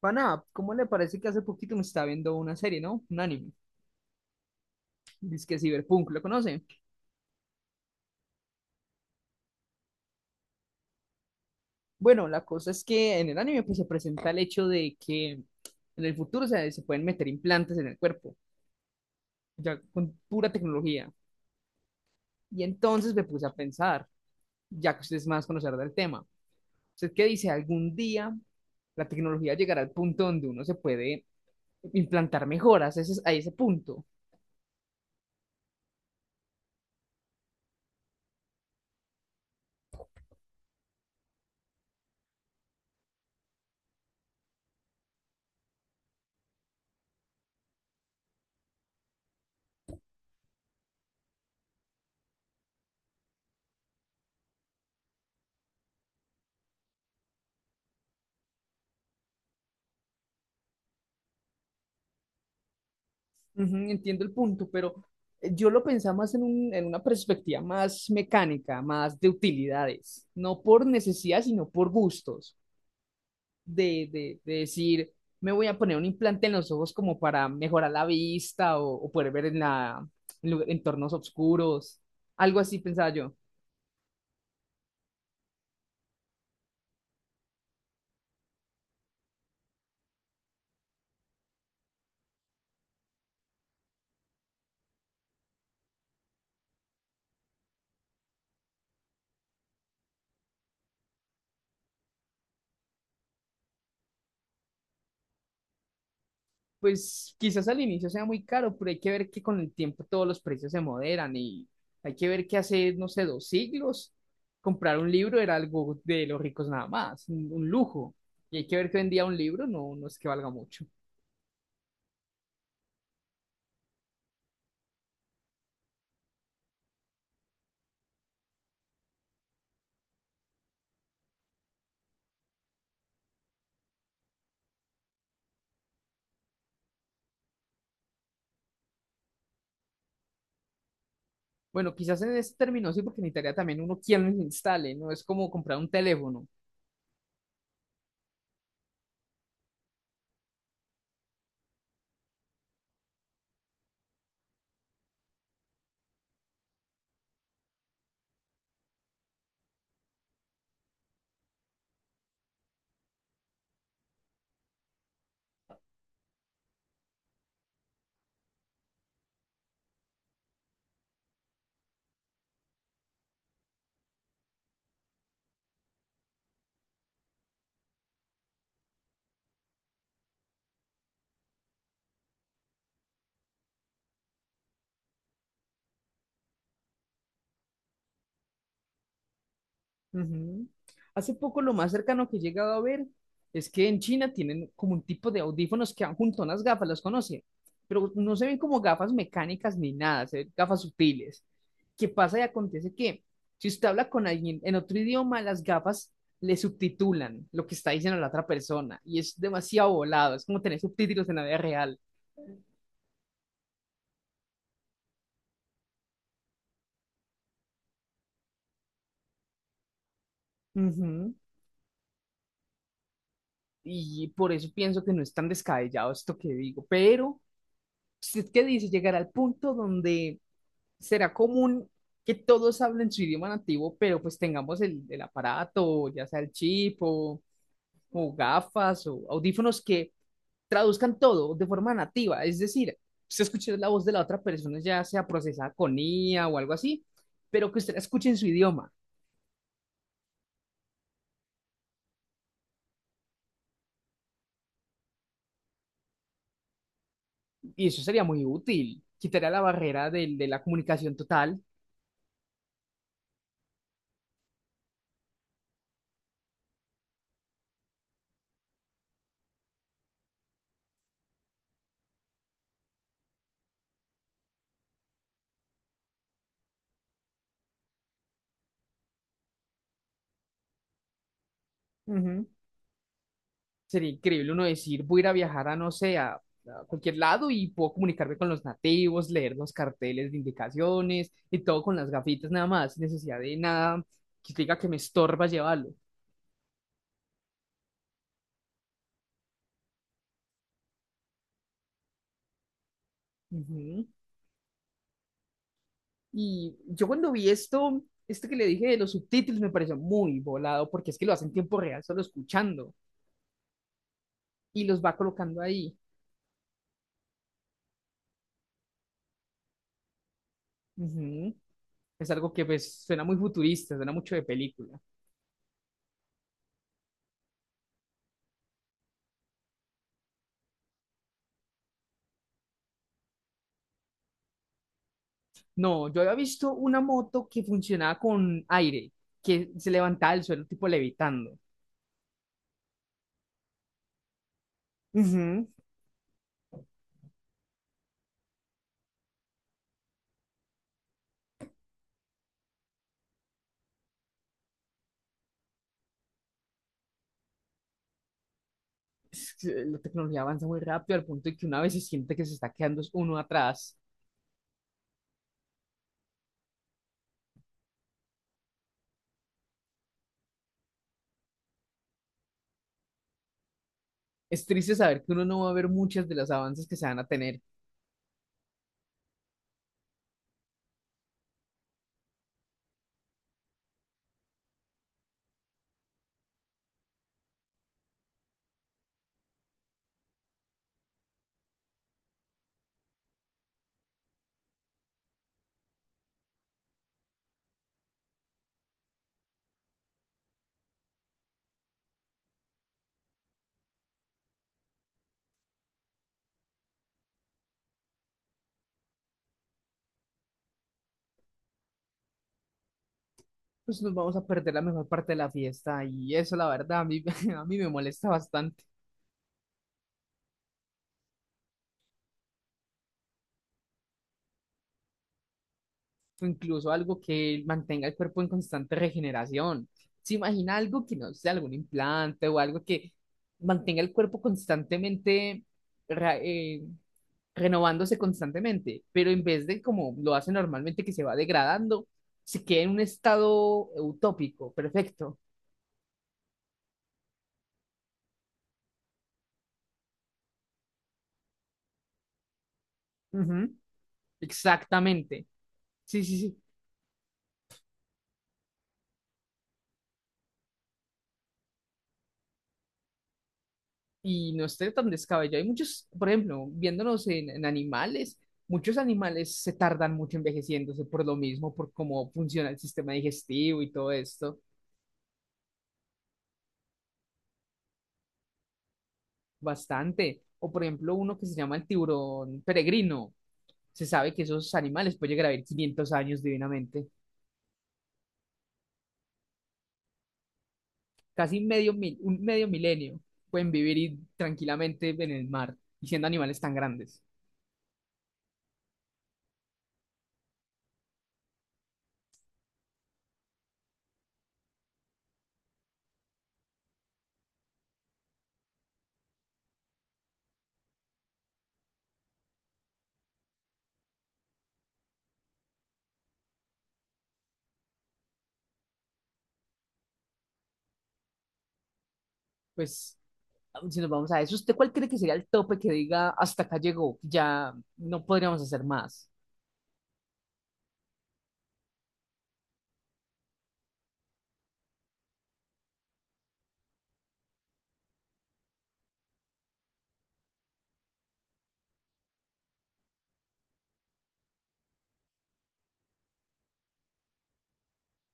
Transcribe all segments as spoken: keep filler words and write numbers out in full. Pana, ¿cómo le parece que hace poquito me estaba viendo una serie, ¿no? Un anime. Dice que Cyberpunk, ¿lo conoce? Bueno, la cosa es que en el anime pues, se presenta el hecho de que en el futuro se, se pueden meter implantes en el cuerpo, ya con pura tecnología. Y entonces me puse a pensar, ya que usted es más conocedor del tema, ¿usted qué dice? ¿Algún día la tecnología llegará al punto donde uno se puede implantar mejoras? Ese es- a ese punto. Ujú, entiendo el punto, pero eh, yo lo pensaba más en un- en una perspectiva más mecánica, más de utilidades, no por necesidad, sino por gustos, de, de- de decir, me voy a poner un implante en los ojos como para mejorar la vista o, o poder ver en la, en lu- entornos oscuros, algo así pensaba yo. Pues quizás al inicio sea muy caro, pero hay que ver que con el tiempo todos los precios se moderan y hay que ver que hace, no sé, dos siglos comprar un libro era algo de los ricos nada más, un, un lujo. Y hay que ver que hoy en día un libro no, no es que valga mucho. Bueno, quizás en ese término sí, porque necesitaría también uno quien lo instale, no es como comprar un teléfono. Ujú. Hace poco lo más cercano que he llegado a ver es que en China tienen como un tipo de audífonos que van junto a unas gafas, las conocen, pero no se ven como gafas mecánicas ni nada, se ven gafas sutiles. ¿Qué pasa y acontece que si usted habla con alguien en otro idioma, las gafas le subtitulan lo que está diciendo la otra persona y es demasiado volado, es como tener subtítulos en la vida real. Ujú. Y por eso pienso que no es tan descabellado esto que digo, pero ¿usted qué dice? Llegar al punto donde será común que todos hablen su idioma nativo, pero pues tengamos el, el aparato, ya sea el chip o, o gafas o audífonos que traduzcan todo de forma nativa, es decir, usted escuche la voz de la otra persona, ya sea procesada con I A o algo así, pero que usted la escuche en su idioma, y eso sería muy útil, quitaría la barrera del- de, la comunicación total. Ujú. Sería increíble uno decir, voy a ir a viajar a, no sé, a, a cualquier lado y puedo comunicarme con los nativos, leer los carteles de indicaciones y todo con las gafitas nada más, sin necesidad de nada que diga que me estorba llevarlo. Ujú. Y yo cuando vi esto, esto que le dije de los subtítulos me pareció muy volado porque es que lo hacen en tiempo real solo escuchando y los va colocando ahí. Ujú. Es algo que pues suena muy futurista, suena mucho de película. No, yo había visto una moto que funcionaba con aire, que se levantaba del suelo tipo levitando. Ujú. Es que la tecnología avanza muy rápido al punto de que una vez se siente que se está quedando uno atrás. Es triste saber que uno no va a ver muchas de las avances que se van a tener. Pues nos vamos a perder la mejor parte de la fiesta y eso, la verdad, a mí, a mí me molesta bastante. O incluso algo que mantenga el cuerpo en constante regeneración. ¿Se imagina algo que no sea algún implante o algo que mantenga el cuerpo constantemente ra- eh, renovándose constantemente, pero en vez de como lo hace normalmente que se va degradando, se queda en un estado utópico, perfecto. Ujú, exactamente. Sí, sí, sí. Y no esté tan descabellado. Hay muchos, por ejemplo, viéndonos en, en animales, muchos animales se tardan mucho envejeciéndose por lo mismo, por cómo funciona el sistema digestivo y todo esto, bastante. O por ejemplo, uno que se llama el tiburón peregrino. Se sabe que esos animales pueden llegar a vivir quinientos años divinamente, casi medio mil, un medio milenio. Pueden vivir y- tranquilamente en el mar y siendo animales tan grandes. Pues si nos vamos a eso, ¿usted cuál cree que sería el tope que diga hasta acá llegó? Ya no podríamos hacer más.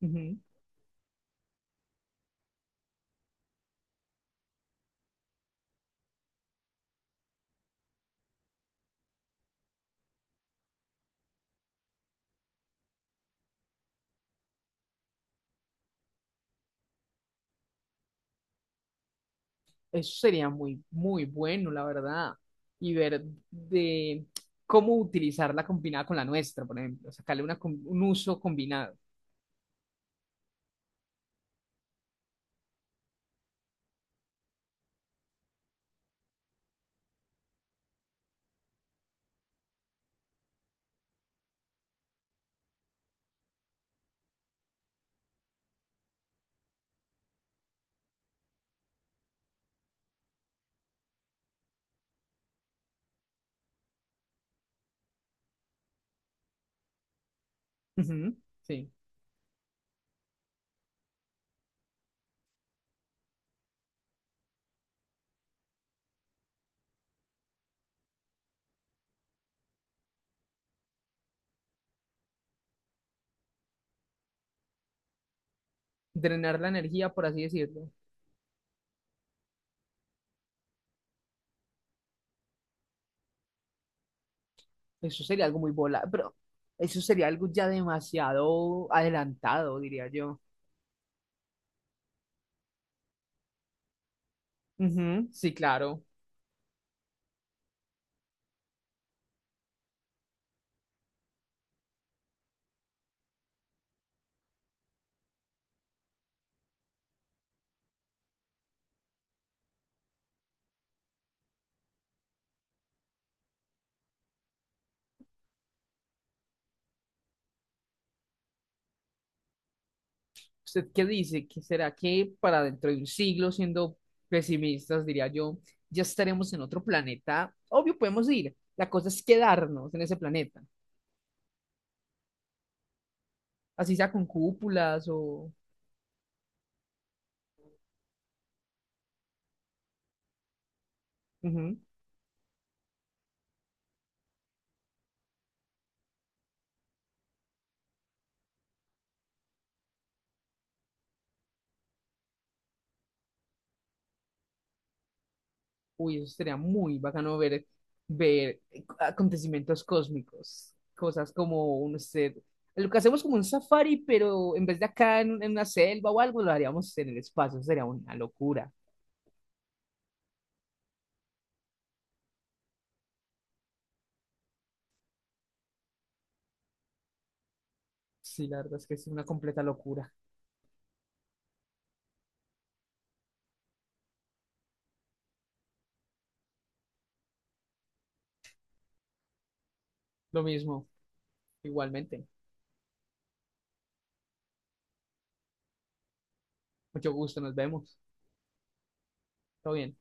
Ujú. Eso sería muy, muy bueno, la verdad. Y ver de cómo utilizarla combinada con la nuestra, por ejemplo, sacarle una, com- un uso combinado. Ujú, sí. Drenar la energía, por así decirlo. Eso sería algo muy volado, pero eso sería algo ya demasiado adelantado, diría yo. Ujú, sí, claro. ¿Usted qué dice? ¿Que será que para dentro de un siglo, siendo pesimistas, diría yo, ya estaremos en otro planeta? Obvio, podemos ir. La cosa es quedarnos en ese planeta. Así sea con cúpulas o... Ujú. Uy, eso sería muy bacano ver, ver acontecimientos cósmicos. Cosas como un... usted- lo que hacemos como un safari, pero en vez de acá en, en una selva o algo, lo haríamos en el espacio. Sería una locura. Sí, la verdad es que es una completa locura. Lo mismo, igualmente. Mucho gusto, nos vemos. Todo bien.